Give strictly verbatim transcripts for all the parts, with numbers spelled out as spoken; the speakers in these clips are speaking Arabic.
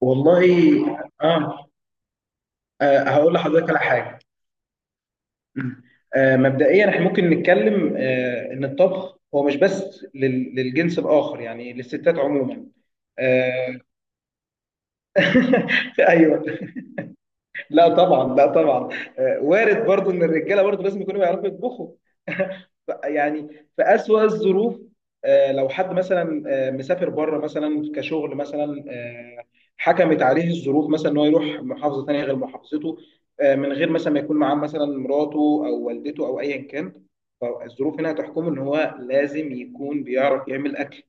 والله. اه. آه، هقول لحضرتك على حاجه. آه، مبدئيا احنا ممكن نتكلم آه، ان الطبخ هو مش بس لل- للجنس الاخر، يعني للستات عموما. آه، ايوه. لا طبعا، لا طبعا. آه، وارد برضو ان الرجاله برضو لازم يكونوا بيعرفوا يطبخوا. ف- يعني في اسوأ الظروف. آه، لو حد مثلا آه، مسافر بره مثلا كشغل مثلا، آه، حكمت عليه الظروف مثلا ان هو يروح محافظه ثانيه غير محافظته. آه، من غير مثلا ما يكون معاه مثلا مراته او والدته او ايا كان. فالظروف هنا هتحكمه ان هو لازم يكون بيعرف يعمل اكل.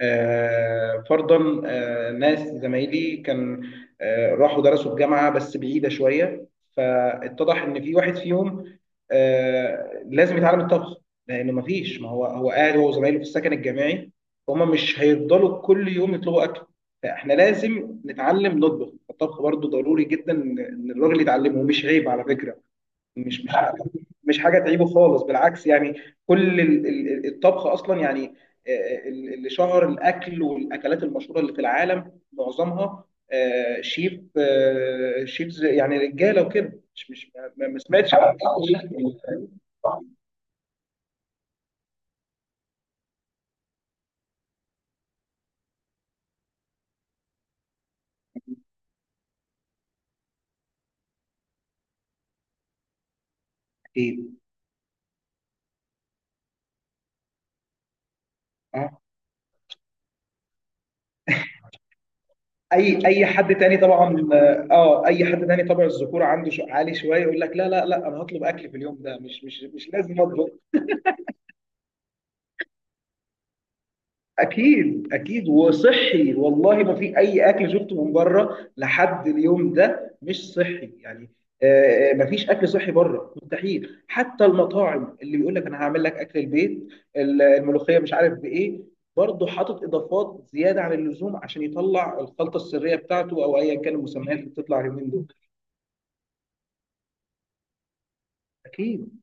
آه، فرضا، آه، ناس زمايلي كان آه، راحوا درسوا في جامعة بس بعيدة شوية، فاتضح ان في واحد فيهم آه، لازم يتعلم الطبخ. لانه ما فيش، ما هو هو قاعد هو وزمايله في السكن الجامعي، فهم مش هيفضلوا كل يوم يطلبوا اكل. فاحنا لازم نتعلم نطبخ. الطبخ برضو ضروري جدا ان إن الراجل يتعلمه، ومش عيب على فكرة. مش مش مش حاجه تعيبه خالص، بالعكس يعني. كل ال- ال- الطبخ اصلا يعني، آه، ال- اللي شهر الاكل والاكلات المشهوره اللي في العالم معظمها آه، شيف آه، شيفز، يعني رجاله وكده، مش مش ما ما سمعتش عن. اكيد. اه. اي اي حد تاني طبعا. اه، آه، اي حد تاني طبع الذكوره عنده شو عالي شويه، يقول لك لا لا لا، انا هطلب اكل في اليوم ده، مش مش مش لازم اطبخ. اكيد، اكيد. وصحي والله، ما في اي اكل شفته من بره لحد اليوم ده مش صحي يعني. آه، آه، ما فيش اكل صحي بره، مستحيل. حتى المطاعم اللي بيقول لك انا هعمل لك اكل البيت، ال- الملوخيه مش عارف بايه، برضه حاطط اضافات زياده عن اللزوم عشان يطلع الخلطه السريه بتاعته او ايا كان المسميات اللي بتطلع اليومين دول. اكيد،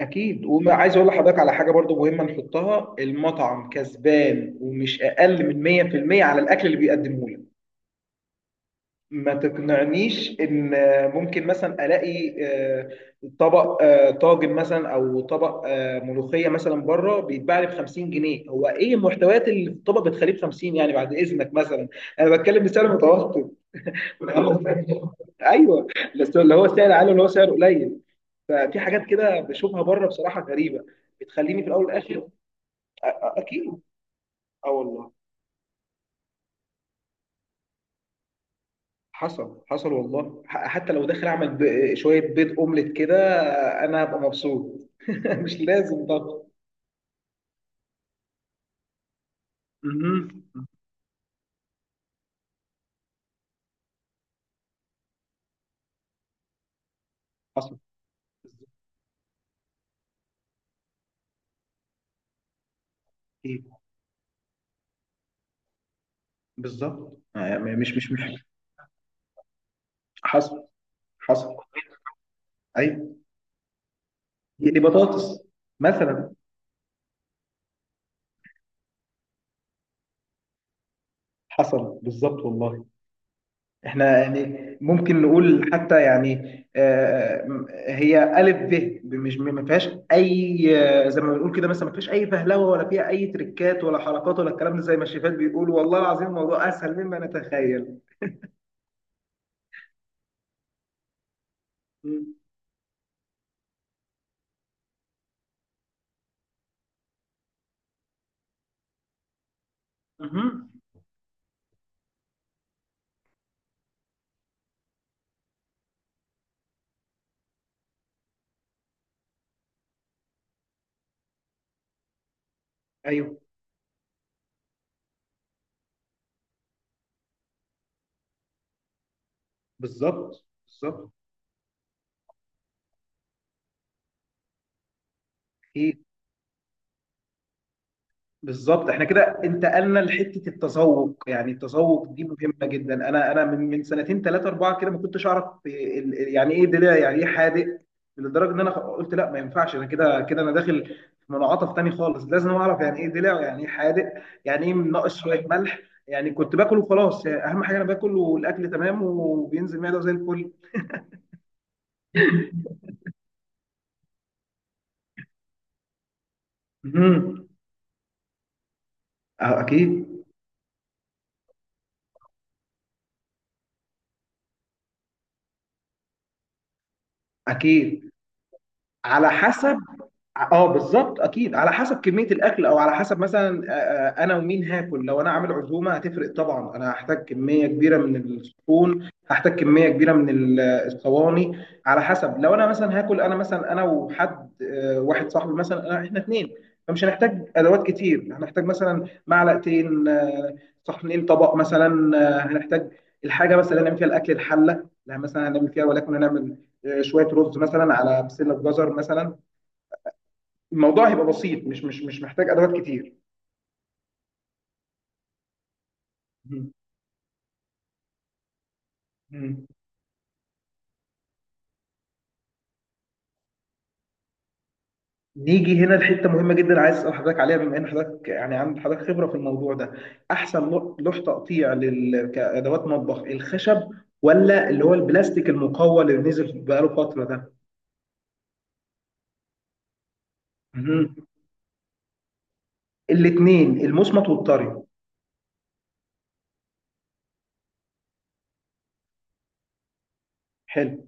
اكيد. وعايز اقول لحضرتك على حاجه برضو مهمه نحطها: المطعم كسبان ومش اقل من مية في المية على الاكل اللي بيقدمه لك. ما تقنعنيش ان ممكن مثلا الاقي آه، طبق آه، طاجن مثلا او طبق آه، ملوخيه مثلا بره بيتباع لي ب خمسين جنيه. هو ايه المحتويات اللي في الطبق بتخليه ب خمسين، يعني بعد اذنك مثلا. انا بتكلم بسعر متوسط. ايوه، بس اللي هو سعر عالي اللي هو سعر قليل. في حاجات كده بشوفها بره بصراحه غريبه، بتخليني في الاول والاخر. آه، اكيد. اه والله، حصل، حصل والله. ح- حتى لو داخل اعمل ب- شويه بيض اومليت كده، انا هبقى مبسوط. مش لازم ضغط. مهم. حصل. ايه بالظبط، آه، يعني مش مش مش. حصل، حصل. ايوه، دي بطاطس مثلا. حصل بالظبط والله. احنا يعني ممكن نقول حتى يعني آه، م- هي الف ب، مش ما فيهاش اي، آه، زي ما بنقول كده، مثلا ما فيهاش اي فهلوه ولا فيها اي تريكات ولا حركات ولا الكلام ده، زي ما الشيفات بيقولوا. والله العظيم الموضوع اسهل مما نتخيل. مم. مهم. ايوه، بالظبط، بالظبط. بالظبط احنا كده انتقلنا لحته التذوق. يعني التذوق دي مهمه جدا. انا انا من من سنتين ثلاثه اربعه كده ما كنتش اعرف ال- ال- يعني ايه دلع، يعني ايه حادق. لدرجه ان انا قلت لا ما ينفعش، انا كده كده انا داخل في منعطف تاني خالص، لازم اعرف يعني ايه دلع يعني ايه حادق، يعني ايه ناقص شويه ملح. يعني كنت باكل وخلاص، يعني اهم حاجه انا باكل والاكل تمام وبينزل معده زي الفل. مهم. اه اكيد. اكيد على حسب. اه، بالظبط اكيد على حسب كميه الاكل، او على حسب مثلا آه، آه، انا ومين هاكل. لو انا عامل عزومه هتفرق طبعا، انا هحتاج كميه كبيره من الصحون، هحتاج كميه كبيره من ال- الصواني. على حسب. لو انا مثلا هاكل، انا مثلا انا وحد آه، واحد صاحبي مثلا، أنا احنا اتنين، فمش هنحتاج ادوات كتير. هنحتاج مثلا معلقتين، آه، صحنين، طبق مثلا، آه، هنحتاج الحاجه مثلا اللي هنعمل فيها الاكل، الحله. لا، مثلا هنعمل فيها ولكن هنعمل آه، شويه رز مثلا على بسله جزر مثلا. الموضوع هيبقى بسيط، مش مش مش محتاج ادوات كتير. مم. مم. نيجي هنا لحته مهمه جدا، عايز اسال حضرتك عليها بما ان حضرتك يعني عندك حضرتك خبره في الموضوع ده. احسن لو- لوح تقطيع لل... كادوات مطبخ، الخشب ولا اللي هو البلاستيك المقوى اللي نزل بقاله فتره ده؟ مم. الاثنين، المصمت والطري. حلو.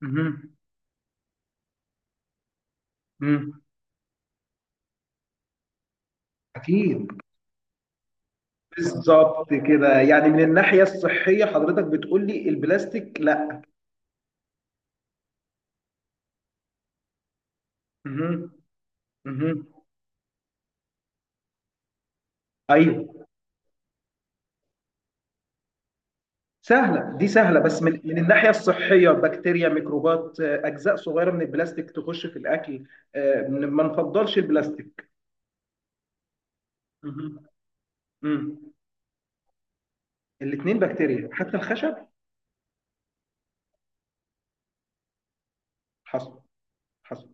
مم. مم. اكيد، بالظبط كده، يعني من الناحيه الصحيه حضرتك بتقول لي البلاستيك لا. مهم. مهم. ايوه، سهلة دي، سهلة، بس من من الناحية الصحية بكتيريا، ميكروبات، آه، أجزاء صغيرة من البلاستيك تخش في الأكل، آه، ما نفضلش البلاستيك. مهم. مم. الاتنين بكتيريا، حتى الخشب. حصل، حصل.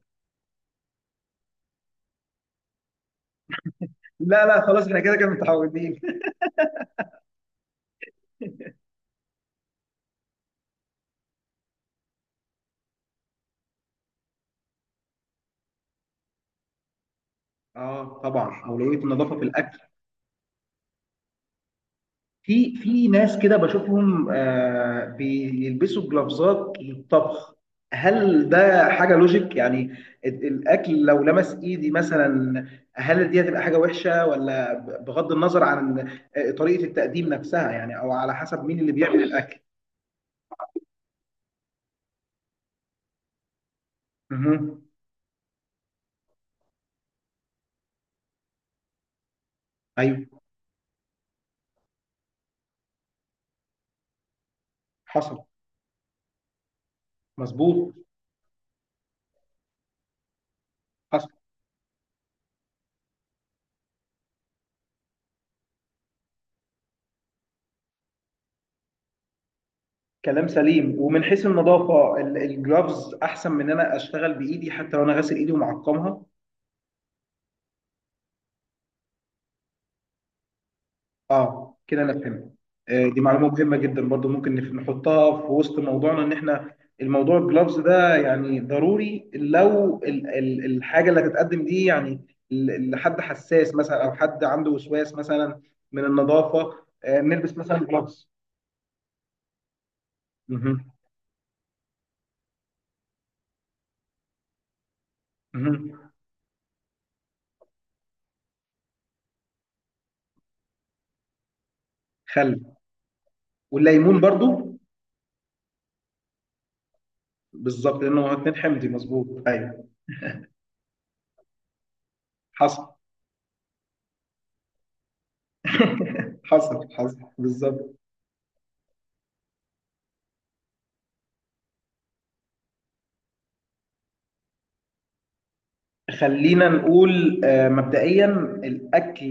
لا لا، خلاص احنا كده كده متعودين. اه طبعا، أولوية النظافة في الأكل. في في ناس كده بشوفهم آه بيلبسوا جلافزات للطبخ. هل ده حاجة لوجيك يعني؟ ال- الأكل لو لمس إيدي مثلا، هل دي هتبقى حاجة وحشة، ولا ب- بغض النظر عن آه، طريقة التقديم نفسها، يعني أو على حسب مين اللي بيعمل الأكل؟ مهم. أيوه. حصل. مظبوط. حصل. كلام سليم، ومن حيث النظافة ال- الجلافز أحسن من إن أنا أشتغل بإيدي حتى لو أنا غاسل إيدي ومعقمها. اه كده انا فهمت. آه، دي معلومه مهمه جدا برضو، ممكن نف- نحطها في وسط موضوعنا، ان احنا الموضوع الجلافز ده يعني ضروري، لو ال- ال- الحاجه اللي هتتقدم دي يعني ل- لحد حساس مثلا، او حد عنده وسواس مثلا من النظافه، آه، نلبس مثلا جلافز. مهم. مهم. خل، والليمون برضو. بالظبط لانه هو اتنين حمضي، مظبوط ايوه. حصل. حصل، حصل بالظبط. خلينا نقول آه، مبدئيا الأكل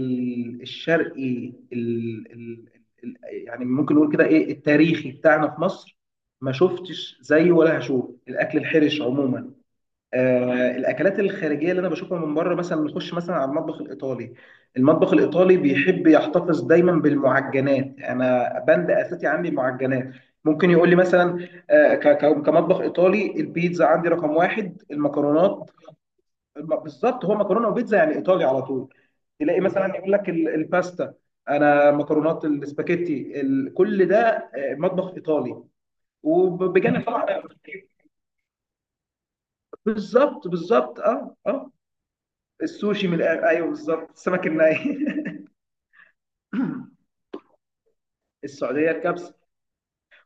الشرقي، ال ال ال يعني ممكن نقول كده إيه التاريخي بتاعنا في مصر، ما شفتش زيه ولا هشوف الأكل الحرش عموما. آه الأكلات الخارجية اللي أنا بشوفها من بره، مثلا نخش مثلا على المطبخ الإيطالي. المطبخ الإيطالي بيحب يحتفظ دايما بالمعجنات، أنا بند أساسي عندي معجنات. ممكن يقول لي مثلا آه، ك- ك- كمطبخ إيطالي، البيتزا عندي رقم واحد، المكرونات. ما- بالظبط، هو مكرونه وبيتزا، يعني ايطالي على طول. تلاقي مثلا يقول لك ال- الباستا، انا مكرونات السباكيتي ال- كل ده آه، مطبخ ايطالي. وبجانب طبعا، بالظبط، بالظبط. اه، اه. السوشي من الآخر، ايوه بالظبط، السمك الني. السعوديه الكبسه.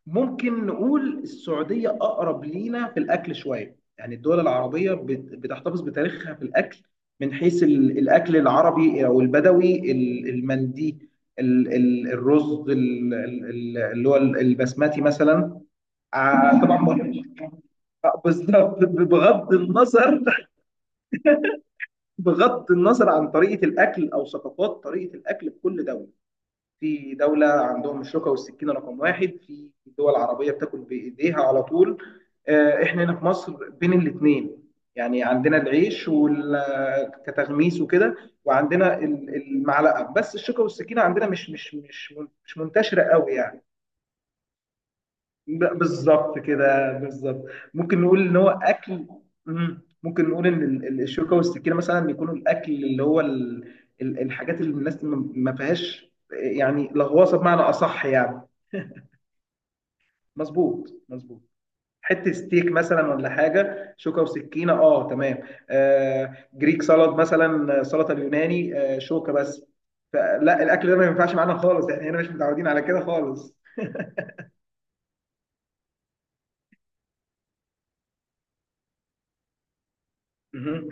ممكن نقول السعودية أقرب لينا في الأكل شوية، يعني الدول العربية بت- بتحتفظ بتاريخها في الأكل. من حيث ال- الأكل العربي أو البدوي، ال- المندي، ال- ال- الرز، ال- ال- ال- اللي هو ال- البسماتي مثلا. ع- طبعا ب- بالظبط. بغض النظر، بغض النظر عن طريقة الأكل أو ثقافات طريقة الأكل في كل دولة. في دولة عندهم الشوكة والسكينة رقم واحد، في دول عربية بتاكل بإيديها على طول. آه، إحنا هنا في مصر بين الاتنين، يعني عندنا العيش وال- كتغميس وكده، وعندنا ال- المعلقة، بس الشوكة والسكينة عندنا مش مش مش مش منتشرة قوي يعني. ب- بالظبط كده، بالظبط. ممكن نقول ان هو اكل. مم. ممكن نقول ان ال- ال- الشوكه والسكينه مثلا بيكونوا الاكل اللي هو ال... ال- الحاجات اللي الناس ما ما فيهاش يعني لغواصه، بمعنى اصح يعني. مظبوط، مظبوط. حته ستيك مثلا ولا حاجه شوكه وسكينه، اه تمام. آه جريك سالاد مثلا، آه، سلطه اليوناني، آه شوكه بس. فلا الاكل ده ما ينفعش معانا خالص، احنا هنا مش متعودين على كده خالص. مهم.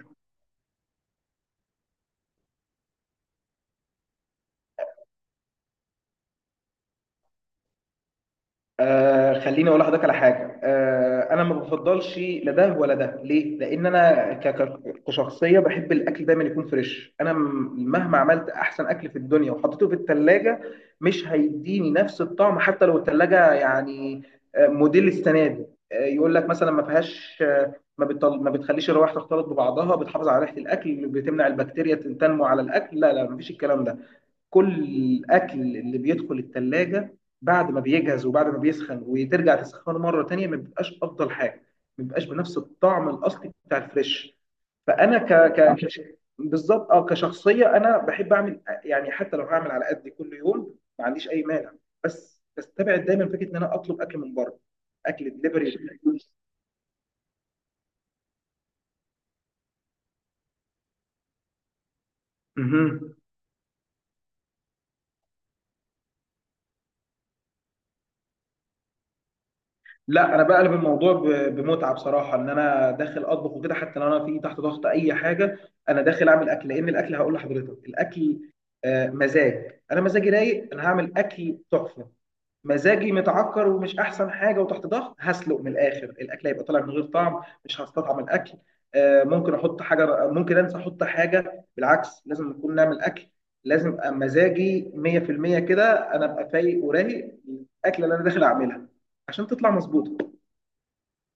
آه خليني اقول لحضرتك على حاجه. آه انا ما بفضلش لا ده ولا ده، ليه؟ لان انا ك- ك- كشخصيه بحب الاكل دايما يكون فريش. انا م- مهما عملت احسن اكل في الدنيا وحطيته في الثلاجه، مش هيديني نفس الطعم. حتى لو الثلاجه يعني آه، موديل السنه دي، آه، يقول لك مثلا ما فيهاش، آه، ما بتطل... ما بتخليش الروائح تختلط ببعضها، بتحافظ على ريحه الاكل، بتمنع البكتيريا تنمو على الاكل، لا لا، مفيش الكلام ده. كل الاكل اللي بيدخل التلاجة بعد ما بيجهز وبعد ما بيسخن وترجع تسخنه مره تانية ما بيبقاش افضل حاجه، ما بيبقاش بنفس الطعم الاصلي بتاع الفريش. فانا ك ك صح، كش- بالظبط. اه، كشخصيه انا بحب اعمل يعني حتى لو هعمل على قد كل يوم ما عنديش اي مانع، بس بستبعد دايما فكره ان انا اطلب اكل من بره، اكل دليفري. لا، انا بقلب الموضوع ب- بمتعه بصراحه، ان انا داخل اطبخ وكده حتى لو انا في تحت ضغط اي حاجه. انا داخل اعمل اكل، لان الاكل، هقول لحضرتك، الاكل آه، مزاج. انا مزاجي رايق، انا هعمل اكل تحفه. مزاجي متعكر ومش احسن حاجه وتحت ضغط، هسلق من الاخر، الاكل هيبقى طالع من غير طعم، مش هستطعم الاكل. آه، ممكن احط حاجه، ممكن انسى احط حاجه، بالعكس لازم نكون نعمل اكل. لازم أبقى مزاجي مية في المية كده، انا ابقى فايق ورايق، الاكله اللي انا داخل اعملها عشان تطلع مظبوطه.